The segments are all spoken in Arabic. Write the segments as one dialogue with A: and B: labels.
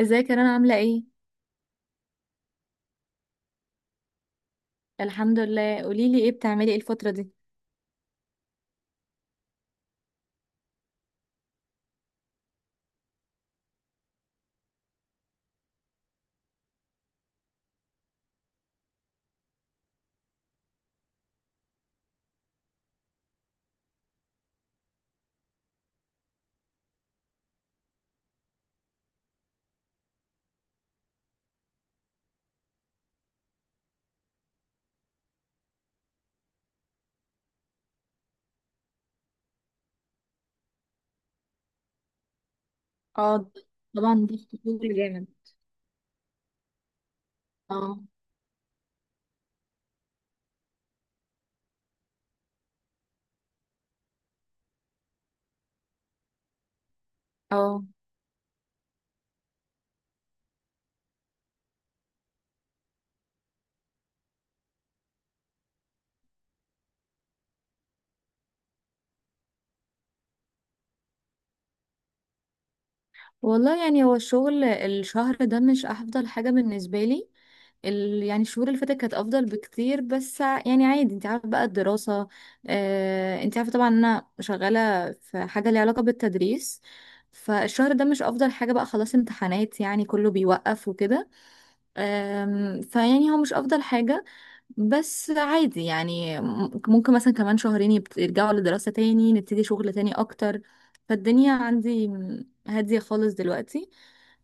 A: ازيك، انا عامله ايه؟ الحمد لله. قولي لي ايه بتعملي ايه الفتره دي؟ اه، طبعا دي شغل جامد. اه اه. والله يعني هو الشغل الشهر ده مش افضل حاجه بالنسبه لي. يعني الشهور اللي فاتت كانت افضل بكتير، بس يعني عادي انت عارفه بقى الدراسه. انت عارفه طبعا ان انا شغاله في حاجه ليها علاقه بالتدريس. فالشهر ده مش افضل حاجه، بقى خلاص امتحانات يعني كله بيوقف وكده. فيعني هو مش افضل حاجة. بس عادي يعني، ممكن مثلا كمان شهرين يرجعوا لدراسة تاني نبتدي شغل تاني اكتر. فالدنيا عندي هادية خالص دلوقتي،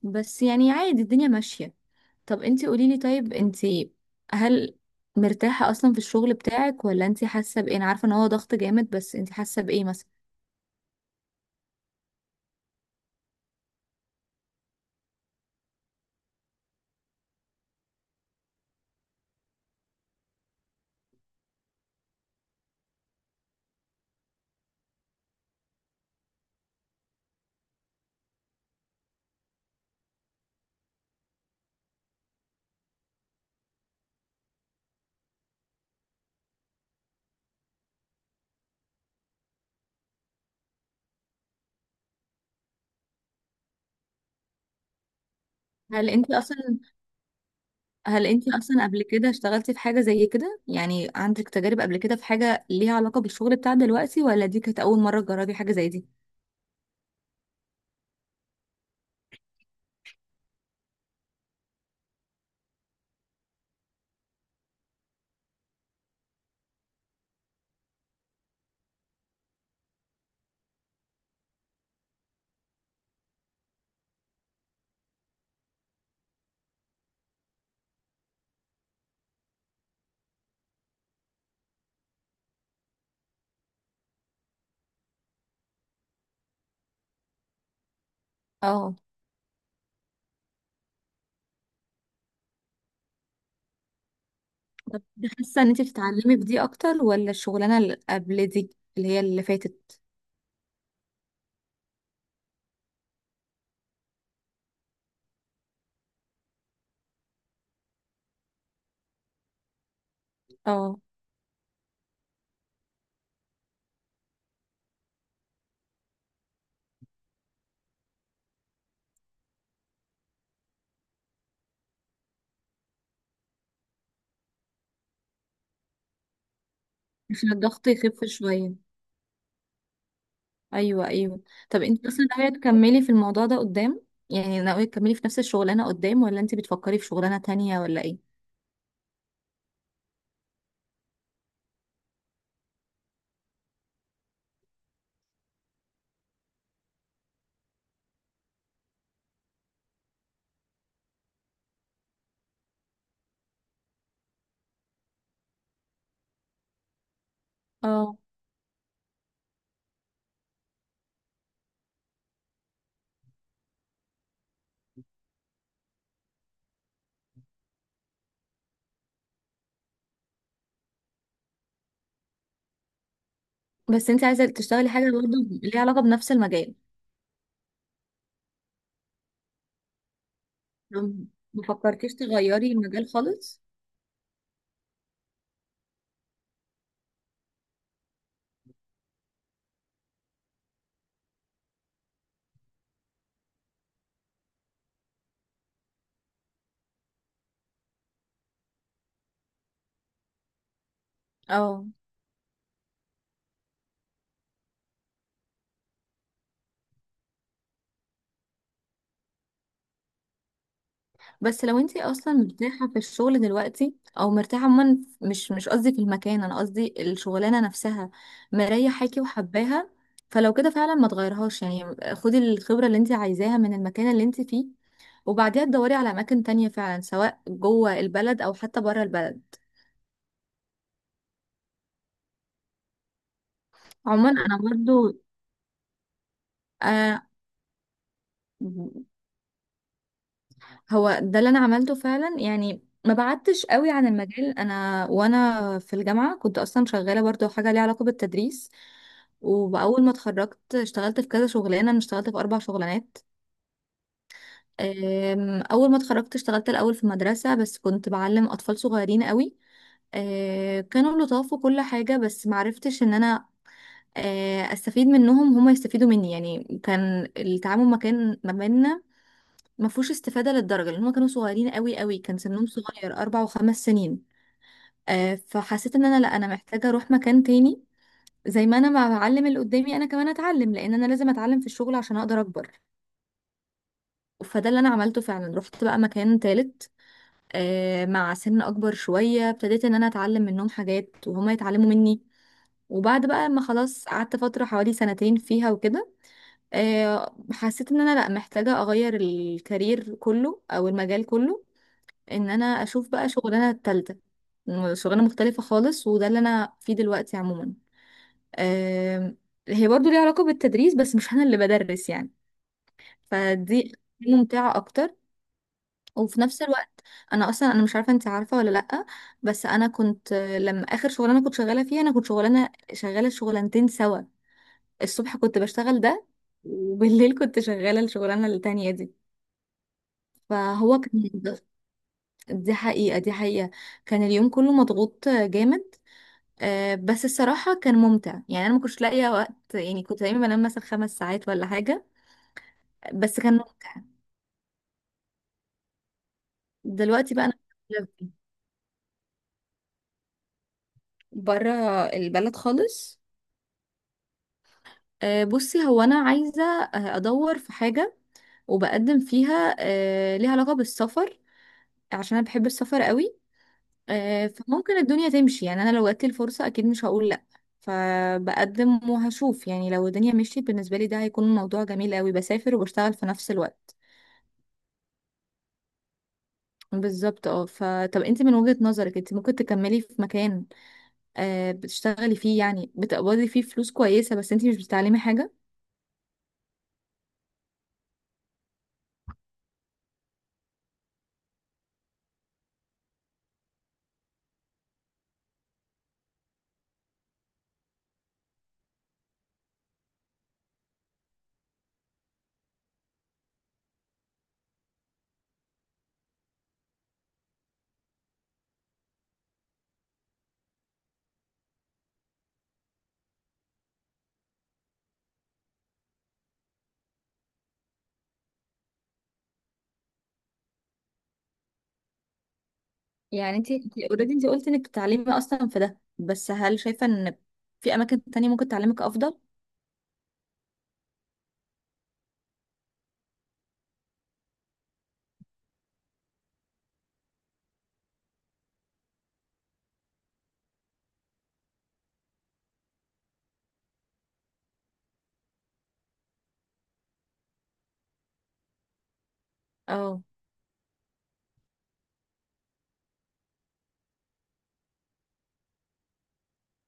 A: بس يعني عادي الدنيا ماشية. طب انتي قوليلي، طيب انتي، هل مرتاحة اصلا في الشغل بتاعك؟ ولا انتي حاسة بايه؟ انا عارفة ان هو ضغط جامد، بس انتي حاسة بايه مثلا؟ هل انتي اصلا هل انت اصلا قبل كده اشتغلتي في حاجة زي كده؟ يعني عندك تجارب قبل كده في حاجة ليها علاقة بالشغل بتاع دلوقتي؟ ولا دي كانت اول مرة تجربي حاجة زي دي؟ اه. حاسة ان انت بتتعلمي في دي اكتر ولا الشغلانة اللي قبل دي، اللي هي اللي فاتت؟ اه. عشان الضغط يخف شوية. ايوه، ايوه. طب انت اصلا ناوية تكملي في الموضوع ده قدام؟ يعني ناوية تكملي في نفس الشغلانة قدام، ولا انت بتفكري في شغلانة تانية، ولا ايه؟ اه. بس انت عايزة تشتغلي حاجة برضه ليها علاقة بنفس المجال؟ مفكرتيش تغيري المجال خالص؟ اه. بس لو انتي اصلا مرتاحه في الشغل دلوقتي، او مرتاحه عموما، مش قصدي في المكان، انا قصدي الشغلانه نفسها، مريحاكي وحباها، فلو كده فعلا ما تغيرهاش. يعني خدي الخبره اللي انتي عايزاها من المكان اللي انتي فيه، وبعديها تدوري على اماكن تانية فعلا، سواء جوه البلد او حتى بره البلد. عموما انا برضو آه. هو ده اللي انا عملته فعلا، يعني ما بعدتش قوي عن المجال. انا وانا في الجامعه كنت اصلا شغاله برضو حاجه ليها علاقه بالتدريس. واول ما اتخرجت اشتغلت في كذا شغلانه، انا اشتغلت في 4 شغلانات. اول ما اتخرجت اشتغلت الاول في مدرسه، بس كنت بعلم اطفال صغيرين قوي. كانوا لطاف وكل حاجه، بس معرفتش ان انا استفيد منهم هما يستفيدوا مني. يعني كان التعامل ما كان ما بيننا ما فيهوش استفادة للدرجة، لأن هما كانوا صغيرين قوي قوي، كان سنهم صغير 4 و5 سنين. آه، فحسيت إن أنا لأ، أنا محتاجة أروح مكان تاني. زي ما أنا ما بعلم اللي قدامي، أنا كمان أتعلم، لأن أنا لازم أتعلم في الشغل عشان أقدر أكبر. فده اللي أنا عملته فعلا، رحت بقى مكان تالت. آه، مع سن أكبر شوية، ابتديت إن أنا أتعلم منهم حاجات وهما يتعلموا مني. وبعد بقى ما خلاص قعدت فترة حوالي سنتين فيها وكده. آه، حسيت إن أنا لأ، محتاجة أغير الكارير كله أو المجال كله. ان انا اشوف بقى شغلانه التالتة، شغلانه مختلفه خالص، وده اللي انا فيه دلوقتي. عموما آم، هي برضو ليها علاقه بالتدريس، بس مش انا اللي بدرس يعني. فدي ممتعه اكتر. وفي نفس الوقت، انا اصلا، انا مش عارفه انت عارفه ولا لا، بس انا كنت لما اخر شغلانه كنت شغاله فيها، انا كنت شغاله شغلانتين سوا. الصبح كنت بشتغل ده، وبالليل كنت شغاله الشغلانه التانية دي. فهو كان، دي حقيقه دي حقيقه، كان اليوم كله مضغوط جامد. بس الصراحة كان ممتع. يعني أنا ما كنتش لاقية وقت، يعني كنت دايما بنام مثلا 5 ساعات ولا حاجة. بس كان ممتع. دلوقتي بقى أنا بره البلد خالص. بصي هو أنا عايزة أدور في حاجة وبقدم فيها ليها علاقة بالسفر، عشان أنا بحب السفر قوي. فممكن الدنيا تمشي. يعني أنا لو جاتلي الفرصة أكيد مش هقول لأ، فبقدم وهشوف. يعني لو الدنيا مشيت بالنسبة لي ده هيكون موضوع جميل قوي، بسافر وبشتغل في نفس الوقت. بالظبط. اه، فطب انت من وجهة نظرك، انت ممكن تكملي في مكان بتشتغلي فيه، يعني بتقبضي فيه فلوس كويسة، بس انت مش بتتعلمي حاجة؟ يعني انت، اوريدي انت already انت قلتي انك بتتعلمي اصلا في ده، بس هل شايفة ان في اماكن تانية ممكن تعلمك افضل؟ اه.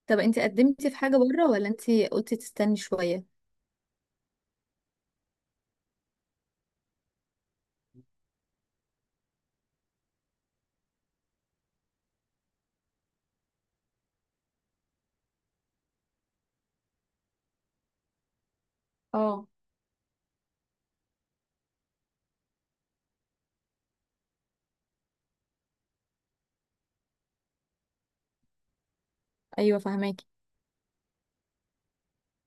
A: طب انت قدمتي في حاجة بره؟ ولا انت قلتي تستني شوية؟ اه. ايوه، فهماكي.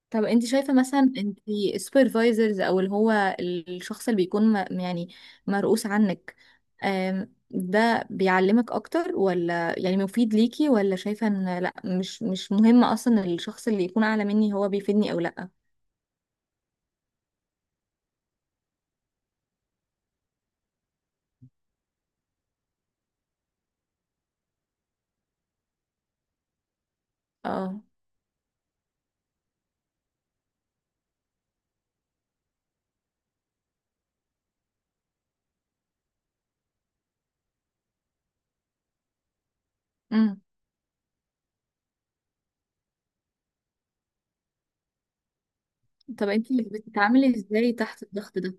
A: طب انت شايفة مثلا، انت السوبرفايزرز، او اللي هو الشخص اللي بيكون يعني مرؤوس عنك، ده بيعلمك اكتر؟ ولا يعني مفيد ليكي؟ ولا شايفة ان لا مش مهم اصلا الشخص اللي يكون اعلى مني هو بيفيدني او لا؟ اه. امم. طب انت بتتعاملي ازاي تحت الضغط ده؟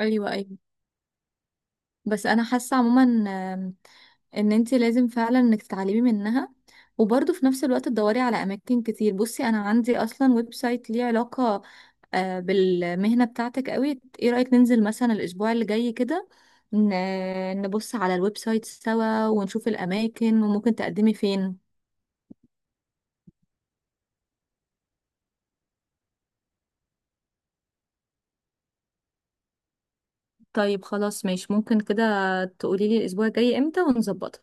A: ايوه، ايوه. بس انا حاسه عموما آم، ان انت لازم فعلا انك تتعلمي منها، وبرضه في نفس الوقت تدوري على اماكن كتير. بصي انا عندي اصلا ويب سايت ليه علاقه بالمهنه بتاعتك قوي. ايه رايك ننزل مثلا الاسبوع اللي جاي كده، نبص على الويب سايت سوا ونشوف الاماكن، وممكن تقدمي فين؟ طيب، خلاص ماشي. ممكن كده تقولي لي الاسبوع الجاي امتى ونظبطها؟